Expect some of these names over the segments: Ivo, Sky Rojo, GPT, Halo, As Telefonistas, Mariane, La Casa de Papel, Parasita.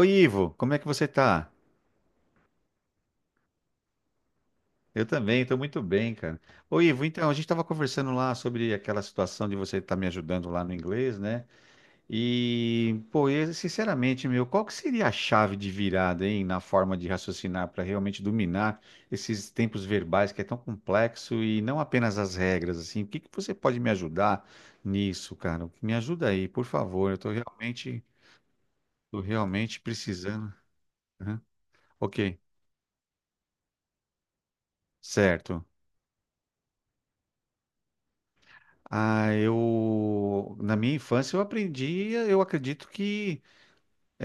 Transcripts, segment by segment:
Oi, Ivo, como é que você tá? Eu também, estou muito bem, cara. Ô, Ivo, então, a gente estava conversando lá sobre aquela situação de você estar me ajudando lá no inglês, né? E, pô, eu, sinceramente, meu, qual que seria a chave de virada, hein, na forma de raciocinar para realmente dominar esses tempos verbais que é tão complexo e não apenas as regras, assim? O que que você pode me ajudar nisso, cara? Me ajuda aí, por favor. Tô realmente precisando. Aham. Ok, certo. Ah, eu na minha infância eu aprendi, eu acredito que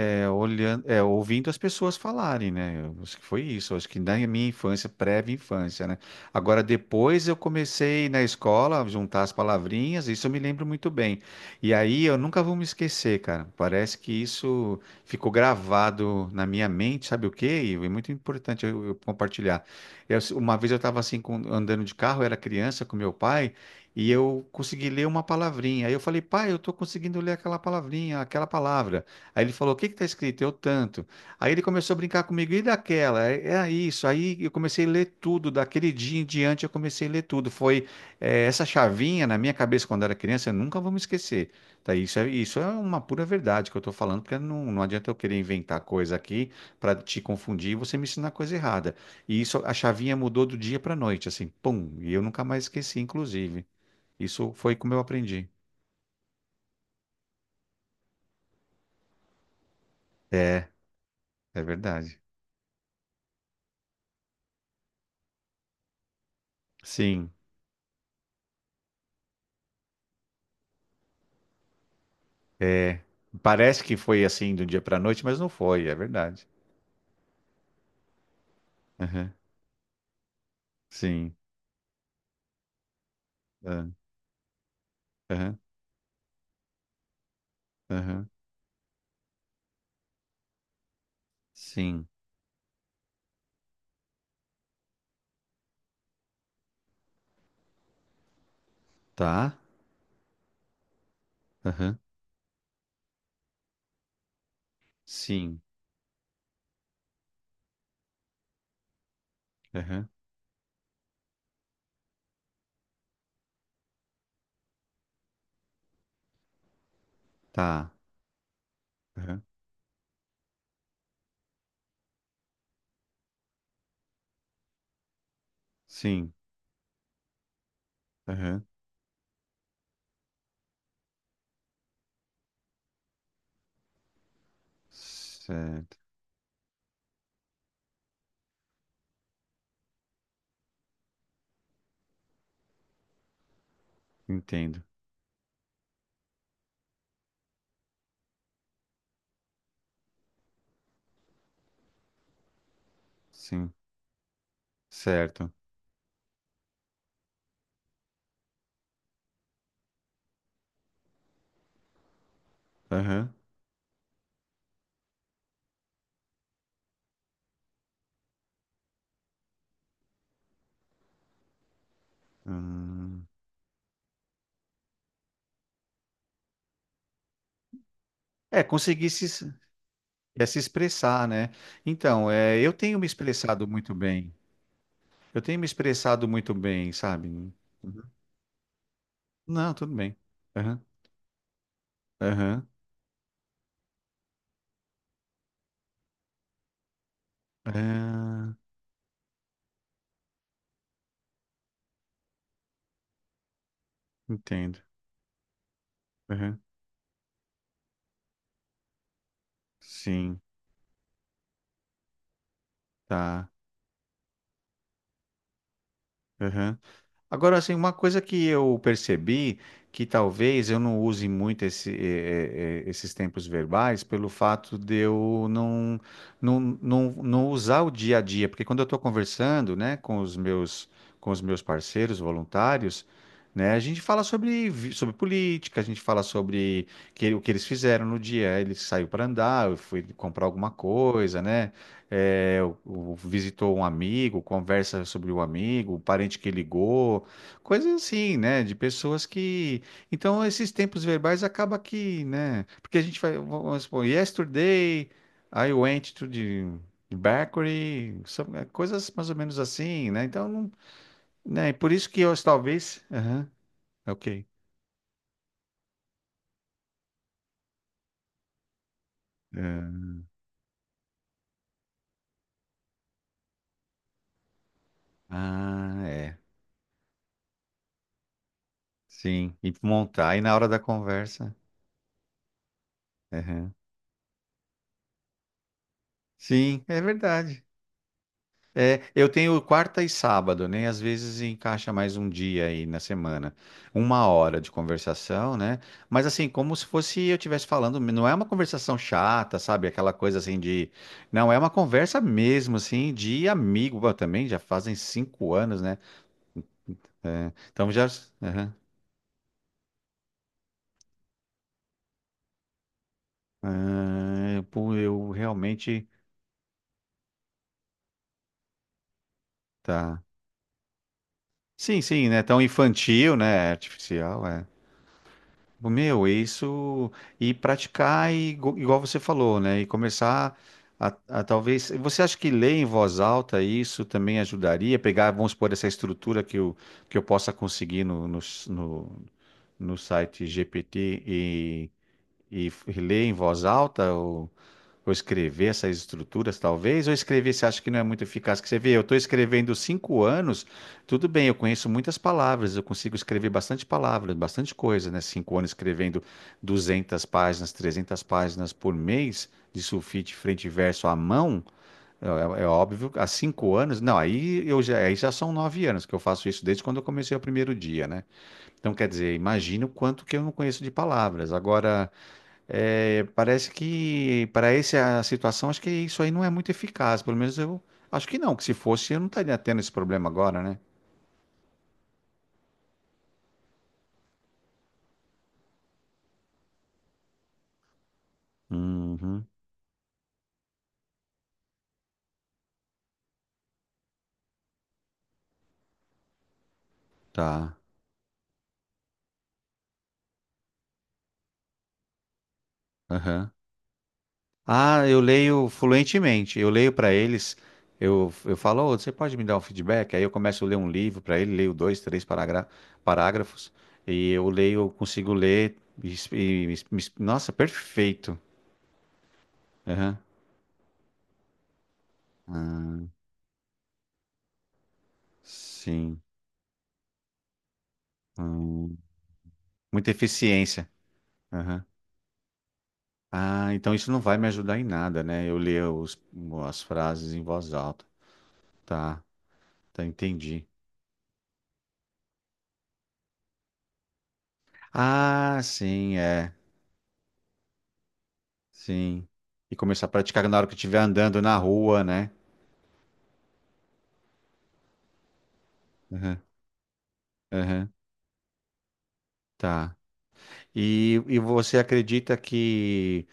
olhando, ouvindo as pessoas falarem, né? Eu acho que foi isso. Acho que na minha infância, prévia infância, né? Agora, depois eu comecei na escola a juntar as palavrinhas, isso eu me lembro muito bem. E aí eu nunca vou me esquecer, cara. Parece que isso ficou gravado na minha mente, sabe o quê? E é muito importante eu compartilhar. Uma vez eu estava assim, andando de carro, eu era criança com meu pai. E eu consegui ler uma palavrinha. Aí eu falei, pai, eu estou conseguindo ler aquela palavrinha, aquela palavra. Aí ele falou: O que que tá escrito? Eu tanto. Aí ele começou a brincar comigo: E daquela? É isso. Aí eu comecei a ler tudo. Daquele dia em diante eu comecei a ler tudo. Essa chavinha na minha cabeça quando era criança, eu nunca vou me esquecer. Tá? Isso é uma pura verdade que eu estou falando, porque não adianta eu querer inventar coisa aqui para te confundir e você me ensinar coisa errada. E isso, a chavinha mudou do dia para noite, assim, pum. E eu nunca mais esqueci, inclusive. Isso foi como eu aprendi. É, é verdade. Sim. É, parece que foi assim do dia para noite, mas não foi, é verdade. Aham, sim. Ah, aham. Aham. Sim. Tá. Aham. Sim. Aham. Tá. Aham. Sim. Aham. Certo. Entendo. Sim. Certo. Aham. Hum. É, conseguir se expressar, né? Então, eu tenho me expressado muito bem. Eu tenho me expressado muito bem, sabe? Uhum. Não, tudo bem. Aham. Aham. Ah, entendo. Aham. Sim, tá. Aham. Agora, assim, uma coisa que eu percebi que talvez eu não use muito esses tempos verbais pelo fato de eu não usar o dia a dia, porque quando eu estou conversando, né, com os meus parceiros voluntários, né, a gente fala sobre política, a gente fala sobre o que eles fizeram no dia. Ele saiu para andar, eu fui comprar alguma coisa, né? eh, o- Visitou um amigo, conversa sobre o amigo, o parente que ligou. Coisas assim, né? De pessoas que. Então, esses tempos verbais acaba que, né? Porque a gente vai, vamos supor, yesterday, I went to the bakery, some- coisas mais ou menos assim, né? Então, não, né? Por isso que eu talvez. Aham, ok. É. Ah, é. Sim. E montar. E na hora da conversa. Aham. Sim, é verdade. É, eu tenho quarta e sábado, né? Às vezes encaixa mais um dia aí na semana, uma hora de conversação, né? Mas assim, como se fosse eu estivesse falando, não é uma conversação chata, sabe? Aquela coisa assim de. Não, é uma conversa mesmo, assim, de amigo. Bom, também, já fazem 5 anos, né? É, então já. Aham. Ah, pô, eu realmente. Tá. Sim, sim, né? Tão infantil, né? Artificial, é. Tipo, meu, é isso e praticar e, igual você falou, né? E começar a talvez. Você acha que ler em voz alta isso também ajudaria? Pegar, vamos supor, essa estrutura que eu possa conseguir no site GPT e ler em voz alta? Vou escrever essas estruturas, talvez, ou escrever, você acha que não é muito eficaz? Que você vê, eu estou escrevendo 5 anos, tudo bem, eu conheço muitas palavras, eu consigo escrever bastante palavras, bastante coisa, né? 5 anos escrevendo 200 páginas, 300 páginas por mês de sulfite frente e verso à mão, é óbvio, há 5 anos, não, aí, eu já, aí já são 9 anos que eu faço isso desde quando eu comecei o primeiro dia, né? Então, quer dizer, imagina o quanto que eu não conheço de palavras. Agora parece que para essa situação, acho que isso aí não é muito eficaz. Pelo menos eu acho que não, que se fosse, eu não estaria tendo esse problema agora, né? Uhum, tá. Aham. Ah, eu leio fluentemente. Eu leio para eles. Eu falo, "Ô, você pode me dar um feedback? Aí eu começo a ler um livro para ele, leio dois, três parágrafos. E eu leio, eu consigo ler. Nossa, perfeito. Aham. Ah, sim. Hum, muita eficiência. Ah, então isso não vai me ajudar em nada, né? Eu ler as frases em voz alta. Tá, tá, entendi. Ah, sim, é, sim. E começar a praticar na hora que eu estiver andando na rua, né? Aham, aham, tá. E você acredita que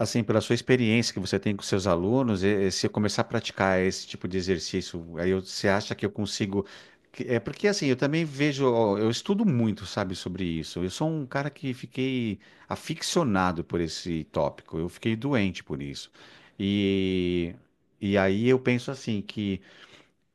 assim, pela sua experiência que você tem com seus alunos, se eu começar a praticar esse tipo de exercício, você acha que eu consigo. É porque assim, eu também vejo, ó, eu estudo muito, sabe, sobre isso. Eu sou um cara que fiquei aficionado por esse tópico. Eu fiquei doente por isso. E, e aí eu penso assim que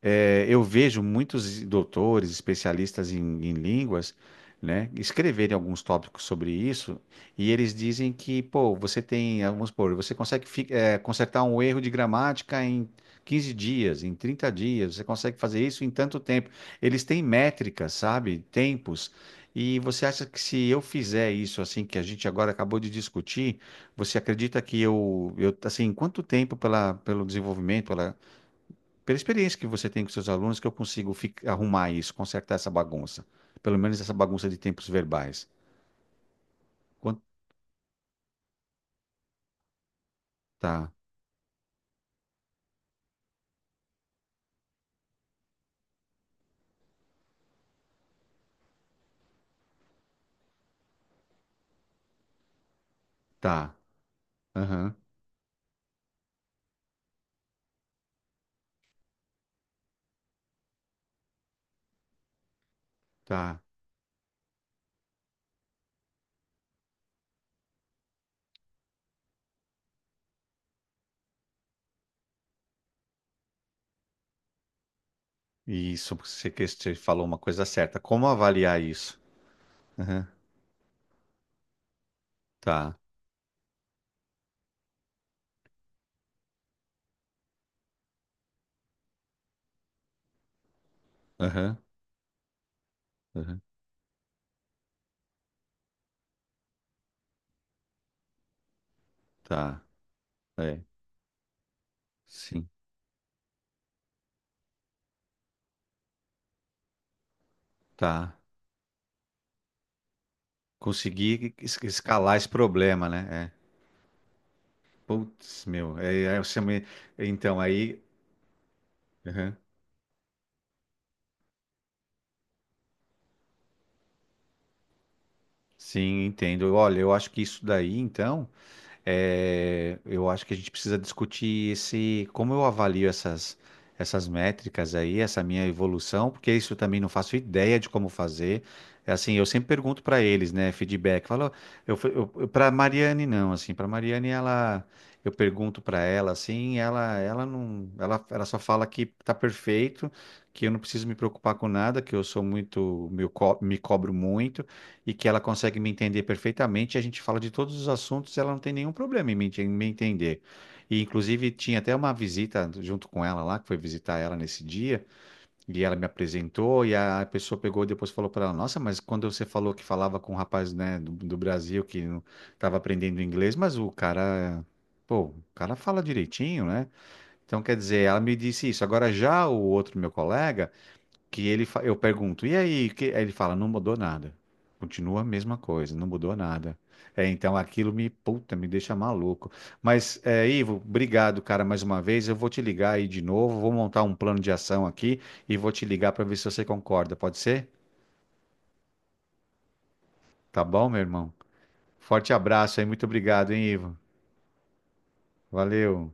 eu vejo muitos doutores, especialistas em línguas, né, escreverem alguns tópicos sobre isso, e eles dizem que, pô, você tem, vamos supor, você consegue consertar um erro de gramática em 15 dias, em 30 dias, você consegue fazer isso em tanto tempo. Eles têm métricas, sabe? Tempos. E você acha que se eu fizer isso, assim, que a gente agora acabou de discutir, você acredita que eu assim, quanto tempo pela, pelo desenvolvimento, pela experiência que você tem com seus alunos, que eu consigo arrumar isso, consertar essa bagunça. Pelo menos essa bagunça de tempos verbais. Quanto tá, tá, aham, tá. Isso, você, você falou uma coisa certa. Como avaliar isso? Aham, tá, aham, aham, tá. É, sim, tá. Consegui escalar esse problema, né? É. Putz, meu, eu chamei-. Então, aí. Aham. Sim, entendo. Olha, eu acho que isso daí, então. É, eu acho que a gente precisa discutir esse, como eu avalio essas, métricas aí, essa minha evolução, porque isso eu também não faço ideia de como fazer. É assim, eu sempre pergunto para eles, né, feedback. Falo, eu, para Mariane não, assim, para Mariane ela, eu pergunto para ela, assim, ela não, ela só fala que tá perfeito, que eu não preciso me preocupar com nada, que eu sou muito, me cobro muito e que ela consegue me entender perfeitamente. A gente fala de todos os assuntos, ela não tem nenhum problema em me entender. E, inclusive, tinha até uma visita junto com ela lá, que foi visitar ela nesse dia, e ela me apresentou, e a pessoa pegou e depois falou para ela: Nossa, mas quando você falou que falava com um rapaz, né, do Brasil que estava aprendendo inglês, mas o cara. Pô, o cara fala direitinho, né? Então, quer dizer, ela me disse isso. Agora, já o outro meu colega que eu pergunto, e aí? Que, aí ele fala, não mudou nada. Continua a mesma coisa, não mudou nada. É, então aquilo me, puta, me deixa maluco. Mas, Ivo, obrigado, cara, mais uma vez. Eu vou te ligar aí de novo, vou montar um plano de ação aqui e vou te ligar para ver se você concorda. Pode ser? Tá bom, meu irmão? Forte abraço aí, muito obrigado, hein, Ivo? Valeu.